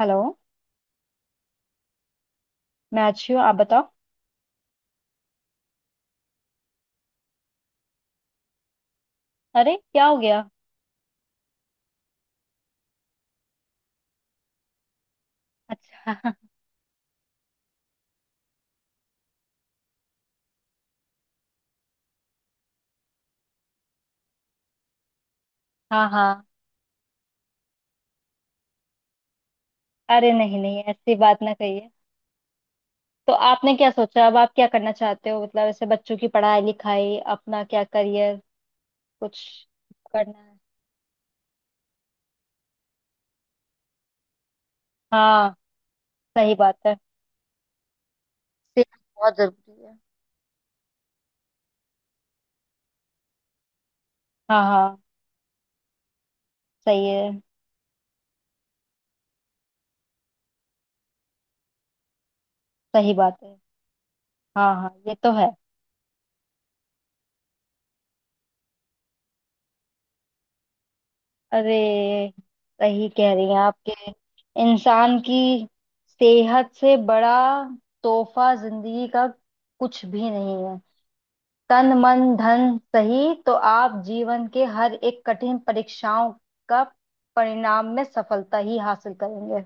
Hello. मैं अच्छी हूँ, आप बताओ। अरे क्या हो गया? अच्छा। हाँ हाँ। अरे नहीं नहीं ऐसी बात ना कहिए। तो आपने क्या सोचा, अब आप क्या करना चाहते हो? मतलब ऐसे बच्चों की पढ़ाई लिखाई, अपना क्या करियर, कुछ करना है। हाँ, सही बात है। सेहत बहुत जरूरी है। हाँ हाँ, सही है। सही बात है। हाँ हाँ, ये तो है। अरे सही कह रही हैं आपके। इंसान की सेहत से बड़ा तोहफा जिंदगी का कुछ भी नहीं है। तन मन धन सही तो आप जीवन के हर एक कठिन परीक्षाओं का परिणाम में सफलता ही हासिल करेंगे।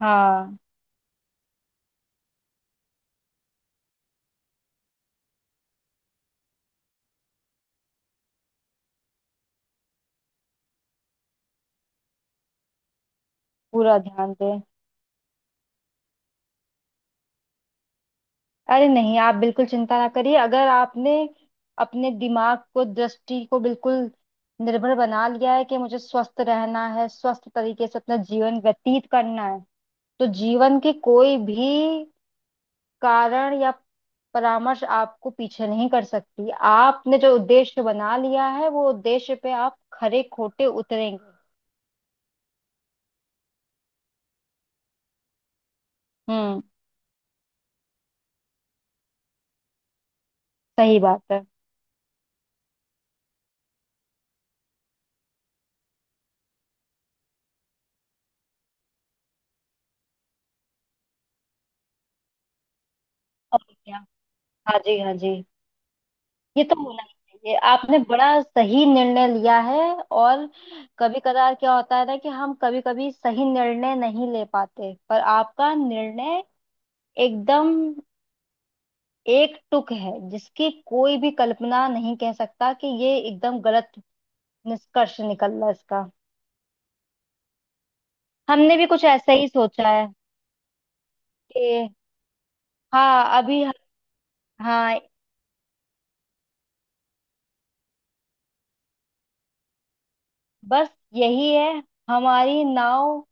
हाँ, पूरा ध्यान दें। अरे नहीं, आप बिल्कुल चिंता ना करिए। अगर आपने अपने दिमाग को, दृष्टि को बिल्कुल निर्भर बना लिया है कि मुझे स्वस्थ रहना है, स्वस्थ तरीके से अपना जीवन व्यतीत करना है, तो जीवन के कोई भी कारण या परामर्श आपको पीछे नहीं कर सकती। आपने जो उद्देश्य बना लिया है, वो उद्देश्य पे आप खरे खोटे उतरेंगे। हम्म। सही बात है। और क्या। हाँ जी, हाँ जी। ये तो होना ही चाहिए, आपने बड़ा सही निर्णय लिया है। और कभी कदार क्या होता है ना कि हम कभी कभी सही निर्णय नहीं ले पाते, पर आपका निर्णय एकदम एक टुक है, जिसकी कोई भी कल्पना नहीं कह सकता कि ये एकदम गलत निष्कर्ष निकल रहा है इसका। हमने भी कुछ ऐसा ही सोचा है कि हाँ, अभी हाँ, बस यही है हमारी नाव,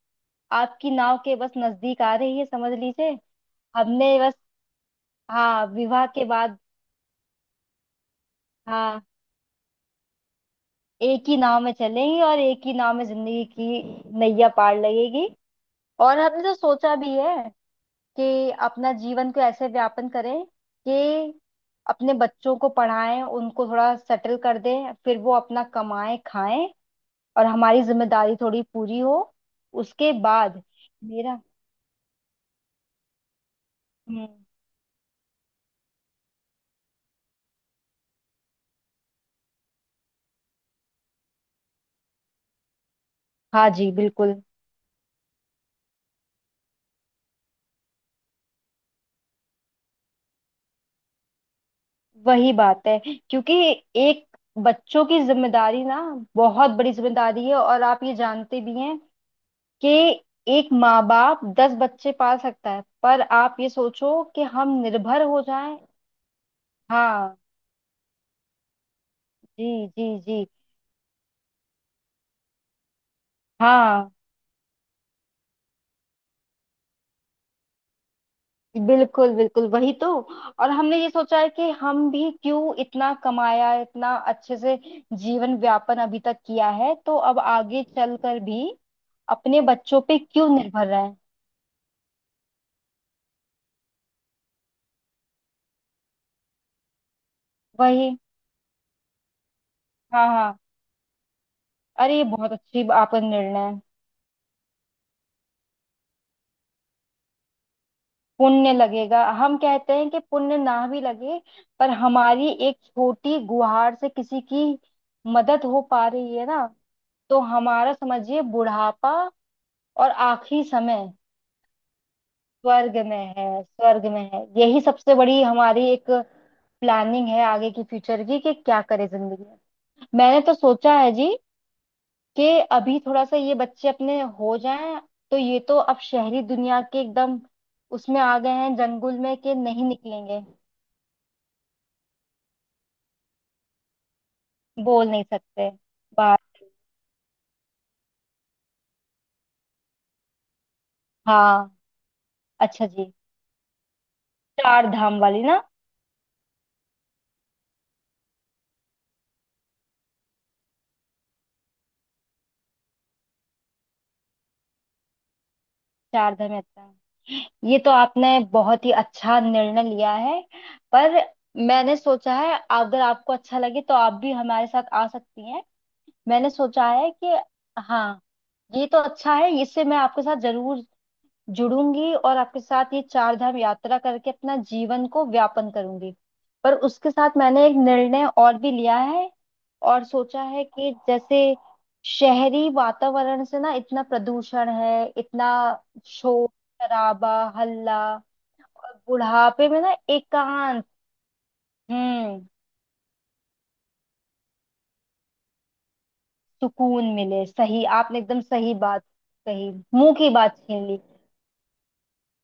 आपकी नाव के बस नजदीक आ रही है, समझ लीजिए। हमने बस हाँ विवाह के बाद, हाँ, एक ही नाव में चलेंगी और एक ही नाव में जिंदगी की नैया पार लगेगी। और हमने तो सोचा भी है कि अपना जीवन को ऐसे व्यापन करें कि अपने बच्चों को पढ़ाएं, उनको थोड़ा सेटल कर दें, फिर वो अपना कमाएं खाएं और हमारी जिम्मेदारी थोड़ी पूरी हो। उसके बाद मेरा हम्म। हाँ जी बिल्कुल। वही बात है क्योंकि एक बच्चों की जिम्मेदारी ना, बहुत बड़ी जिम्मेदारी है और आप ये जानते भी हैं कि एक माँ बाप दस बच्चे पाल सकता है, पर आप ये सोचो कि हम निर्भर हो जाएं। हाँ, जी जी जी। हाँ, बिल्कुल बिल्कुल वही तो। और हमने ये सोचा है कि हम भी क्यों, इतना कमाया है, इतना अच्छे से जीवन व्यापन अभी तक किया है, तो अब आगे चलकर भी अपने बच्चों पे क्यों निर्भर रहें। वही, हाँ हाँ। अरे ये बहुत अच्छी आपका निर्णय है। पुण्य लगेगा। हम कहते हैं कि पुण्य ना भी लगे, पर हमारी एक छोटी गुहार से किसी की मदद हो पा रही है ना। तो हमारा समझिए बुढ़ापा और आखिरी समय स्वर्ग में है, स्वर्ग में है। यही सबसे बड़ी हमारी एक प्लानिंग है आगे की, फ्यूचर की, कि क्या करे जिंदगी में। मैंने तो सोचा है जी, कि अभी थोड़ा सा ये बच्चे अपने हो जाएं। तो ये तो अब शहरी दुनिया के एकदम उसमें आ गए हैं, जंगल में कि नहीं निकलेंगे। बोल नहीं सकते बात। हाँ, अच्छा जी, चार धाम वाली ना। चार धाम यात्रा ये तो आपने बहुत ही अच्छा निर्णय लिया है। पर मैंने सोचा है अगर आपको अच्छा लगे तो आप भी हमारे साथ आ सकती हैं। मैंने सोचा है कि हाँ, ये तो अच्छा है, इससे मैं आपके साथ जरूर जुड़ूंगी और आपके साथ ये चार धाम यात्रा करके अपना जीवन को व्यापन करूंगी। पर उसके साथ मैंने एक निर्णय और भी लिया है और सोचा है कि जैसे शहरी वातावरण से ना, इतना प्रदूषण है, इतना शोर शराबा हल्ला, और बुढ़ापे में ना एकांत। हम्म, सुकून मिले। सही आपने एकदम सही बात कही, मुंह की बात छीन ली।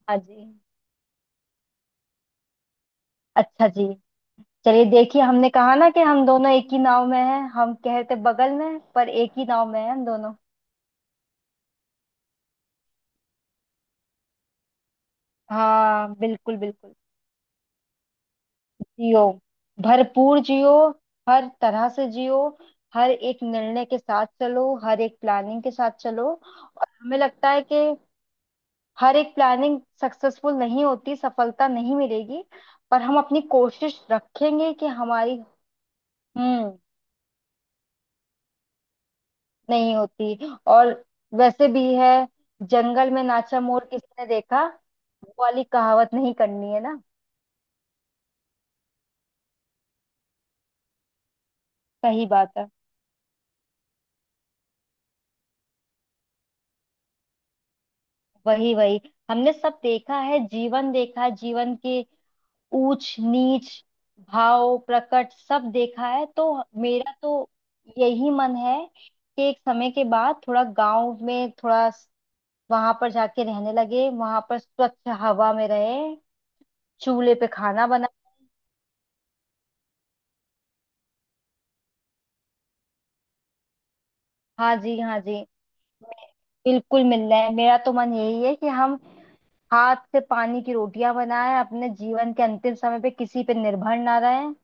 हाँ जी। अच्छा जी, चलिए देखिए, हमने कहा ना कि हम दोनों एक ही नाव में हैं। हम कह रहे थे बगल में, पर एक ही नाव में हैं हम दोनों। हाँ, बिल्कुल बिल्कुल जियो, भरपूर जियो, हर तरह से जियो। हर एक निर्णय के साथ चलो, हर एक प्लानिंग के साथ चलो। और हमें लगता है कि हर एक प्लानिंग सक्सेसफुल नहीं होती, सफलता नहीं मिलेगी, पर हम अपनी कोशिश रखेंगे कि हमारी हम्म, नहीं होती। और वैसे भी है, जंगल में नाचा मोर किसने देखा, वो वाली कहावत नहीं करनी है ना। सही बात है। वही वही, हमने सब देखा है, जीवन देखा है, जीवन के ऊंच नीच भाव प्रकट सब देखा है। तो मेरा तो यही मन है कि एक समय के बाद थोड़ा गांव में, थोड़ा वहां पर जाके रहने लगे, वहां पर स्वच्छ हवा में रहे, चूल्हे पे खाना बना। हाँ जी, हाँ जी, बिल्कुल मिलना है। मेरा तो मन यही है कि हम हाथ से पानी की रोटियां बनाएं, अपने जीवन के अंतिम समय पे किसी पे निर्भर ना रहें।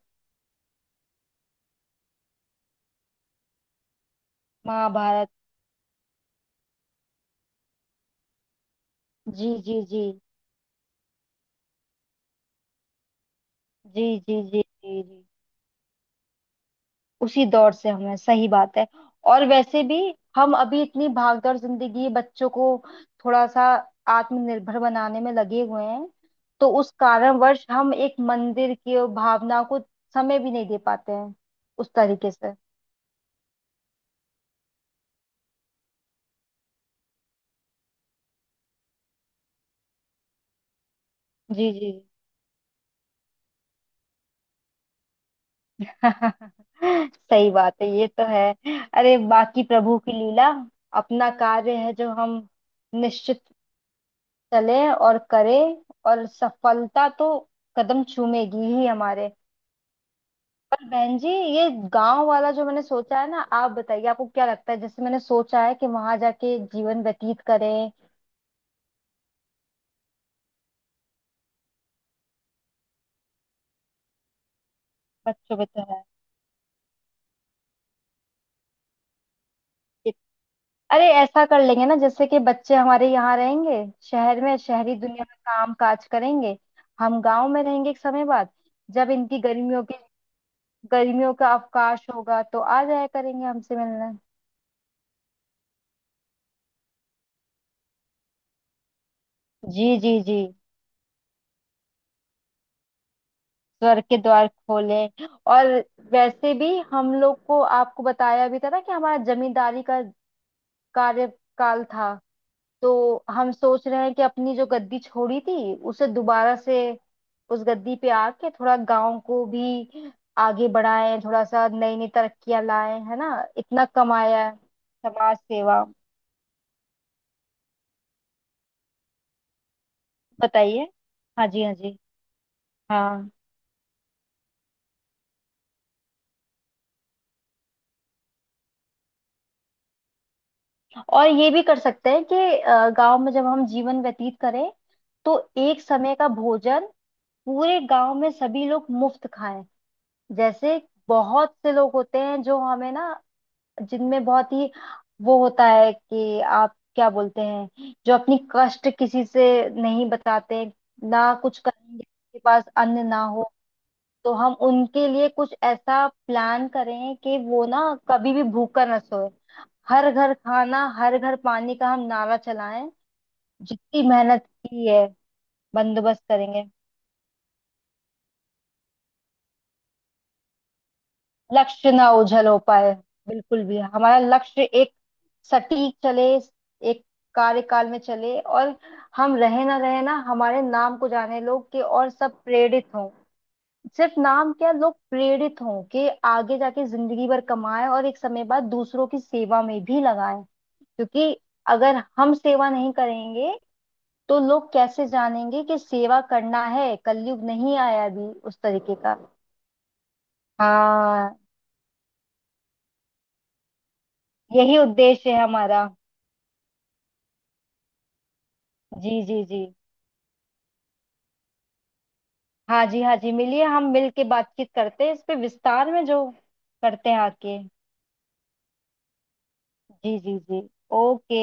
महाभारत, जी जी जी, जी जी, जी जी जी। उसी दौर से हमें सही बात है। और वैसे भी हम अभी इतनी भागदौड़ जिंदगी बच्चों को थोड़ा सा आत्मनिर्भर बनाने में लगे हुए हैं, तो उस कारणवश हम एक मंदिर की भावना को समय भी नहीं दे पाते हैं उस तरीके से। जी जी। सही बात है, ये तो है। अरे बाकी प्रभु की लीला, अपना कार्य है जो हम निश्चित चले और करें, और सफलता तो कदम चूमेगी ही हमारे। पर बहन जी, ये गांव वाला जो मैंने सोचा है ना, आप बताइए आपको क्या लगता है, जैसे मैंने सोचा है कि वहां जाके जीवन व्यतीत करें। बच्चों बच्चों है, अरे ऐसा कर लेंगे ना, जैसे कि बच्चे हमारे यहाँ रहेंगे, शहर में, शहरी दुनिया में काम काज करेंगे, हम गांव में रहेंगे एक समय बाद। जब इनकी गर्मियों की, गर्मियों का अवकाश होगा तो आ जाया करेंगे हमसे मिलने। जी जी जी। स्वर्ग के द्वार खोले। और वैसे भी हम लोग को आपको बताया भी था ना कि हमारा जमींदारी का कार्यकाल था। तो हम सोच रहे हैं कि अपनी जो गद्दी छोड़ी थी उसे दोबारा से, उस गद्दी पे आके थोड़ा गांव को भी आगे बढ़ाएं, थोड़ा सा नई नई तरक्कियां लाएं, है ना। इतना कमाया है। समाज सेवा। बताइए। हाँ जी, हाँ जी। हाँ, और ये भी कर सकते हैं कि गांव में जब हम जीवन व्यतीत करें, तो एक समय का भोजन पूरे गांव में सभी लोग मुफ्त खाएं। जैसे बहुत से लोग होते हैं जो हमें ना, जिनमें बहुत ही वो होता है कि आप क्या बोलते हैं, जो अपनी कष्ट किसी से नहीं बताते, ना कुछ करेंगे के पास अन्न ना हो। तो हम उनके लिए कुछ ऐसा प्लान करें कि वो ना कभी भी भूखा न सोए। हर घर खाना, हर घर पानी का हम नारा चलाएं। जितनी मेहनत की है, बंदोबस्त करेंगे। लक्ष्य ना ओझल हो पाए, बिल्कुल भी। हमारा लक्ष्य एक सटीक चले, एक कार्यकाल में चले, और हम रहे ना रहे, ना हमारे नाम को जाने लोग के और सब प्रेरित हों। सिर्फ नाम क्या, लोग प्रेरित हों कि आगे जाके जिंदगी भर कमाएं और एक समय बाद दूसरों की सेवा में भी लगाएं, क्योंकि अगर हम सेवा नहीं करेंगे तो लोग कैसे जानेंगे कि सेवा करना है। कलयुग नहीं आया अभी उस तरीके का। हाँ, यही उद्देश्य है हमारा। जी जी जी। हाँ जी, हाँ जी, मिलिए, हम मिल के बातचीत करते हैं इस पे विस्तार में, जो करते हैं आके। जी जी जी। ओके।